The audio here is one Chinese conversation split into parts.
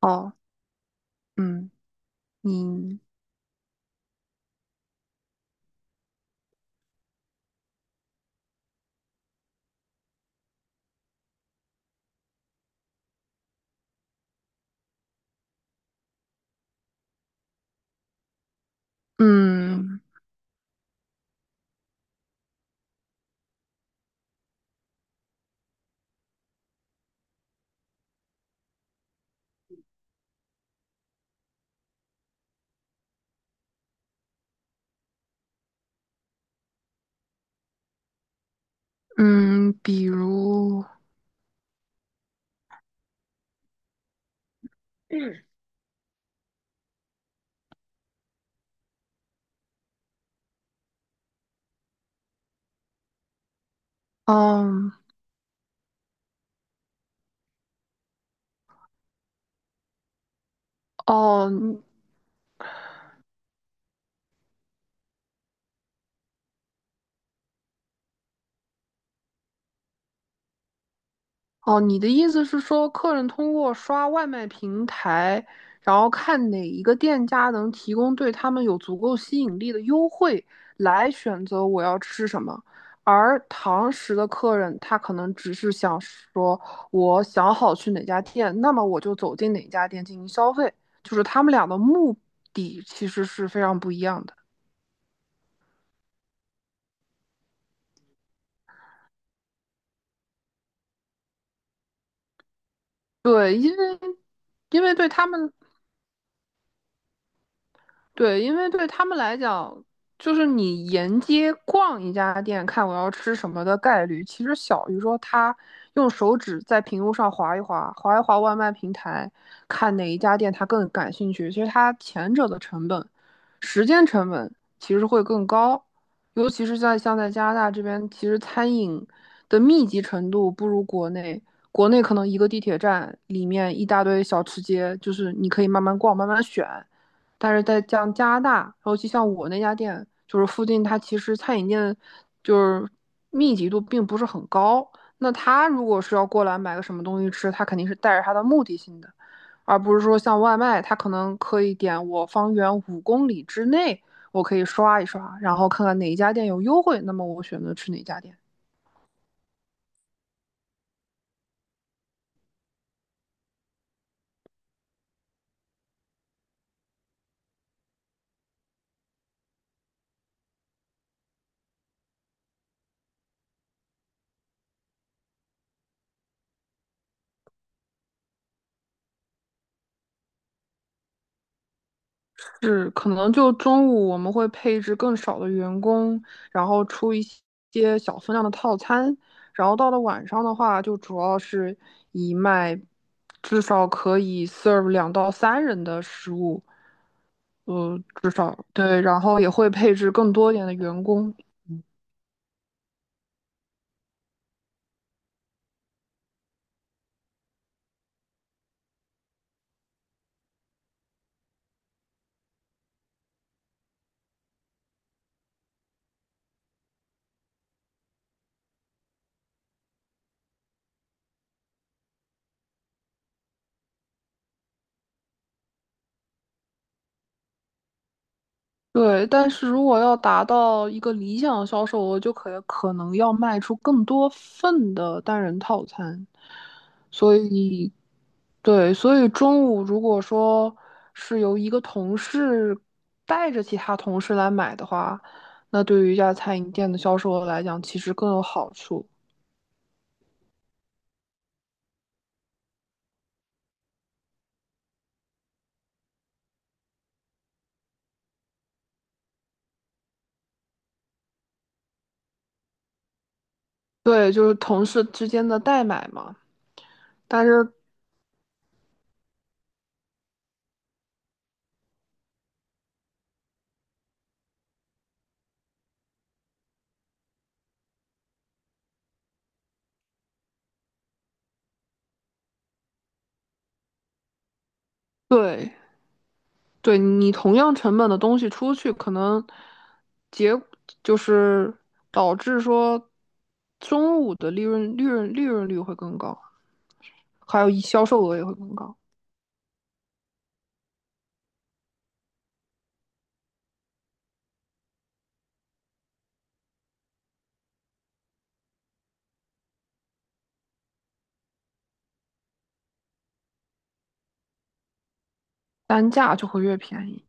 哦，嗯，你，嗯嗯，嗯，嗯，哦哦，你的意思是说，客人通过刷外卖平台，然后看哪一个店家能提供对他们有足够吸引力的优惠，来选择我要吃什么。而堂食的客人，他可能只是想说，我想好去哪家店，那么我就走进哪家店进行消费，就是他们俩的目的其实是非常不一样的。对，因为对他们对，因为对他们来讲，就是你沿街逛一家店，看我要吃什么的概率，其实小于说他用手指在屏幕上划一划外卖平台，看哪一家店他更感兴趣。其实他前者的成本、时间成本其实会更高，尤其是在像在加拿大这边，其实餐饮的密集程度不如国内。国内可能一个地铁站里面一大堆小吃街，就是你可以慢慢逛、慢慢选。但是在像加拿大，尤其像我那家店，就是附近它其实餐饮店就是密集度并不是很高。那他如果是要过来买个什么东西吃，他肯定是带着他的目的性的，而不是说像外卖，他可能可以点我方圆5公里之内，我可以刷一刷，然后看看哪一家店有优惠，那么我选择去哪家店。是，可能就中午我们会配置更少的员工，然后出一些小分量的套餐，然后到了晚上的话，就主要是以卖至少可以 serve 2到3人的食物，至少对，然后也会配置更多一点的员工。对，但是如果要达到一个理想的销售额，就可能要卖出更多份的单人套餐。所以，对，所以中午如果说是由一个同事带着其他同事来买的话，那对于一家餐饮店的销售额来讲，其实更有好处。对，就是同事之间的代买嘛。但是，对，对你同样成本的东西出去，可能结就是导致说中午的利润率会更高，还有一销售额也会更高，单价就会越便宜。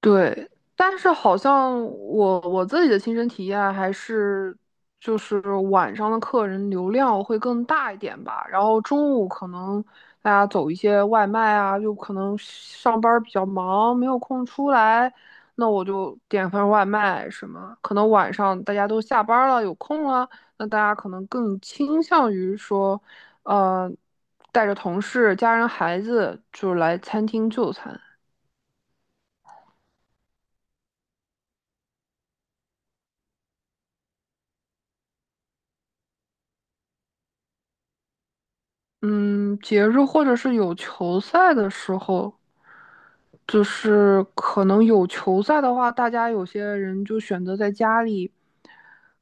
对，但是好像我自己的亲身体验还是，就是晚上的客人流量会更大一点吧。然后中午可能大家走一些外卖啊，就可能上班儿比较忙，没有空出来，那我就点份外卖什么。可能晚上大家都下班儿了，有空了，那大家可能更倾向于说，呃，带着同事、家人、孩子，就来餐厅就餐。嗯，节日或者是有球赛的时候，就是可能有球赛的话，大家有些人就选择在家里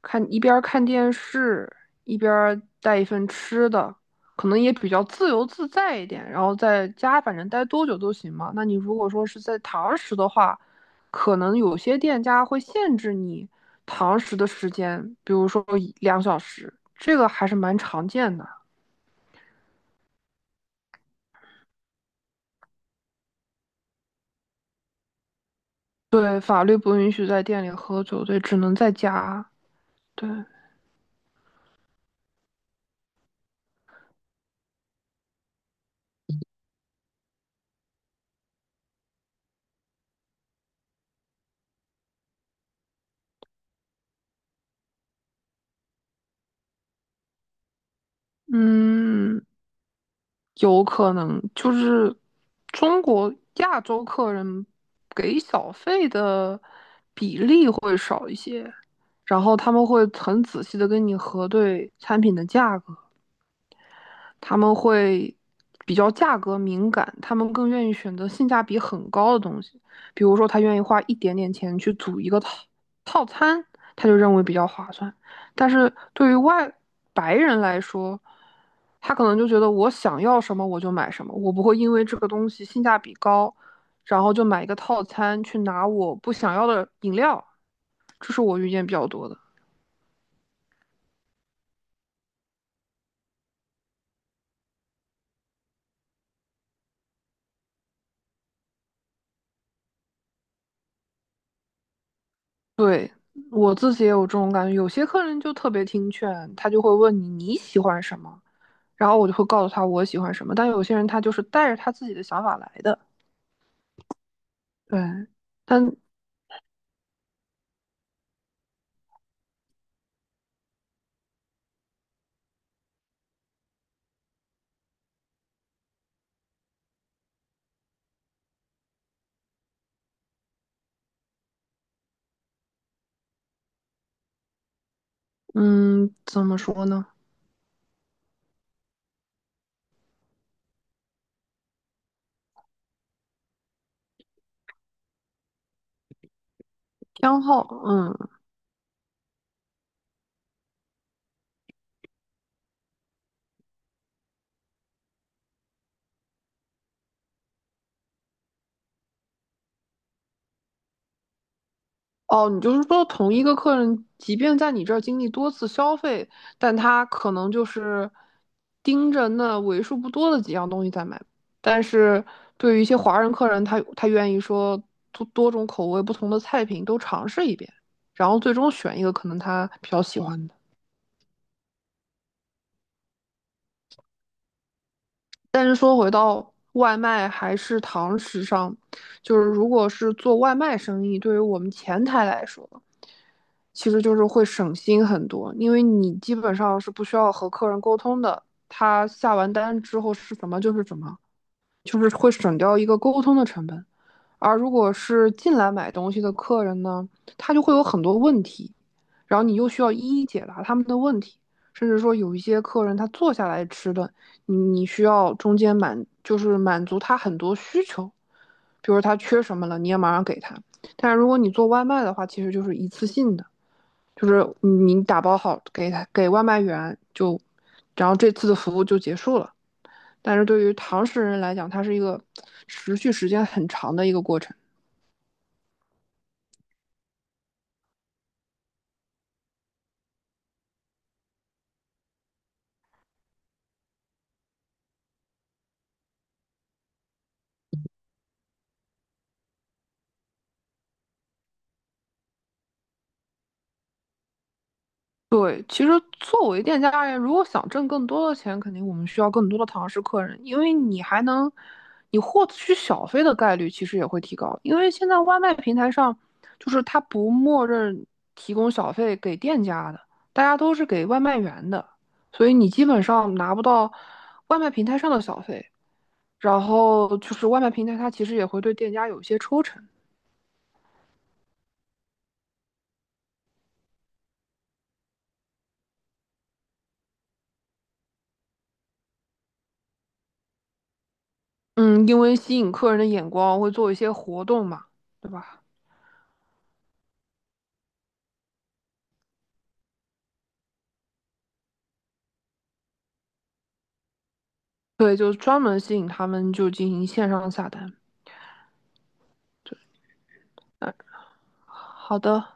看，一边儿看电视，一边儿带一份吃的，可能也比较自由自在一点。然后在家反正待多久都行嘛。那你如果说是在堂食的话，可能有些店家会限制你堂食的时间，比如说一两小时，这个还是蛮常见的。对，法律不允许在店里喝酒，对，只能在家。对，嗯，有可能就是中国亚洲客人给小费的比例会少一些，然后他们会很仔细的跟你核对产品的价格。他们会比较价格敏感，他们更愿意选择性价比很高的东西，比如说他愿意花一点点钱去组一个套餐，他就认为比较划算。但是对于外白人来说，他可能就觉得我想要什么我就买什么，我不会因为这个东西性价比高，然后就买一个套餐去拿我不想要的饮料，这是我遇见比较多的。对，我自己也有这种感觉，有些客人就特别听劝，他就会问你你喜欢什么，然后我就会告诉他我喜欢什么。但有些人他就是带着他自己的想法来的，对，但嗯，怎么说呢？偏好，嗯哦，你就是说同一个客人，即便在你这儿经历多次消费，但他可能就是盯着那为数不多的几样东西在买。但是对于一些华人客人，他愿意说多种口味、不同的菜品都尝试一遍，然后最终选一个可能他比较喜欢的。但是说回到外卖还是堂食上，就是如果是做外卖生意，对于我们前台来说，其实就是会省心很多，因为你基本上是不需要和客人沟通的，他下完单之后是什么就是什么。就是会省掉一个沟通的成本。而如果是进来买东西的客人呢，他就会有很多问题，然后你又需要一一解答他们的问题，甚至说有一些客人他坐下来吃的，你需要中间就是满足他很多需求，比如他缺什么了，你也马上给他。但是如果你做外卖的话，其实就是一次性的，就是你打包好给他给外卖员就，然后这次的服务就结束了。但是对于唐食人来讲，它是一个持续时间很长的一个过程。对，其实作为店家而言，如果想挣更多的钱，肯定我们需要更多的唐食客人，因为你还能，你获取小费的概率其实也会提高。因为现在外卖平台上，就是它不默认提供小费给店家的，大家都是给外卖员的，所以你基本上拿不到外卖平台上的小费。然后就是外卖平台，它其实也会对店家有一些抽成。嗯，因为吸引客人的眼光，会做一些活动嘛，对吧？对，就专门吸引他们，就进行线上下单。好的。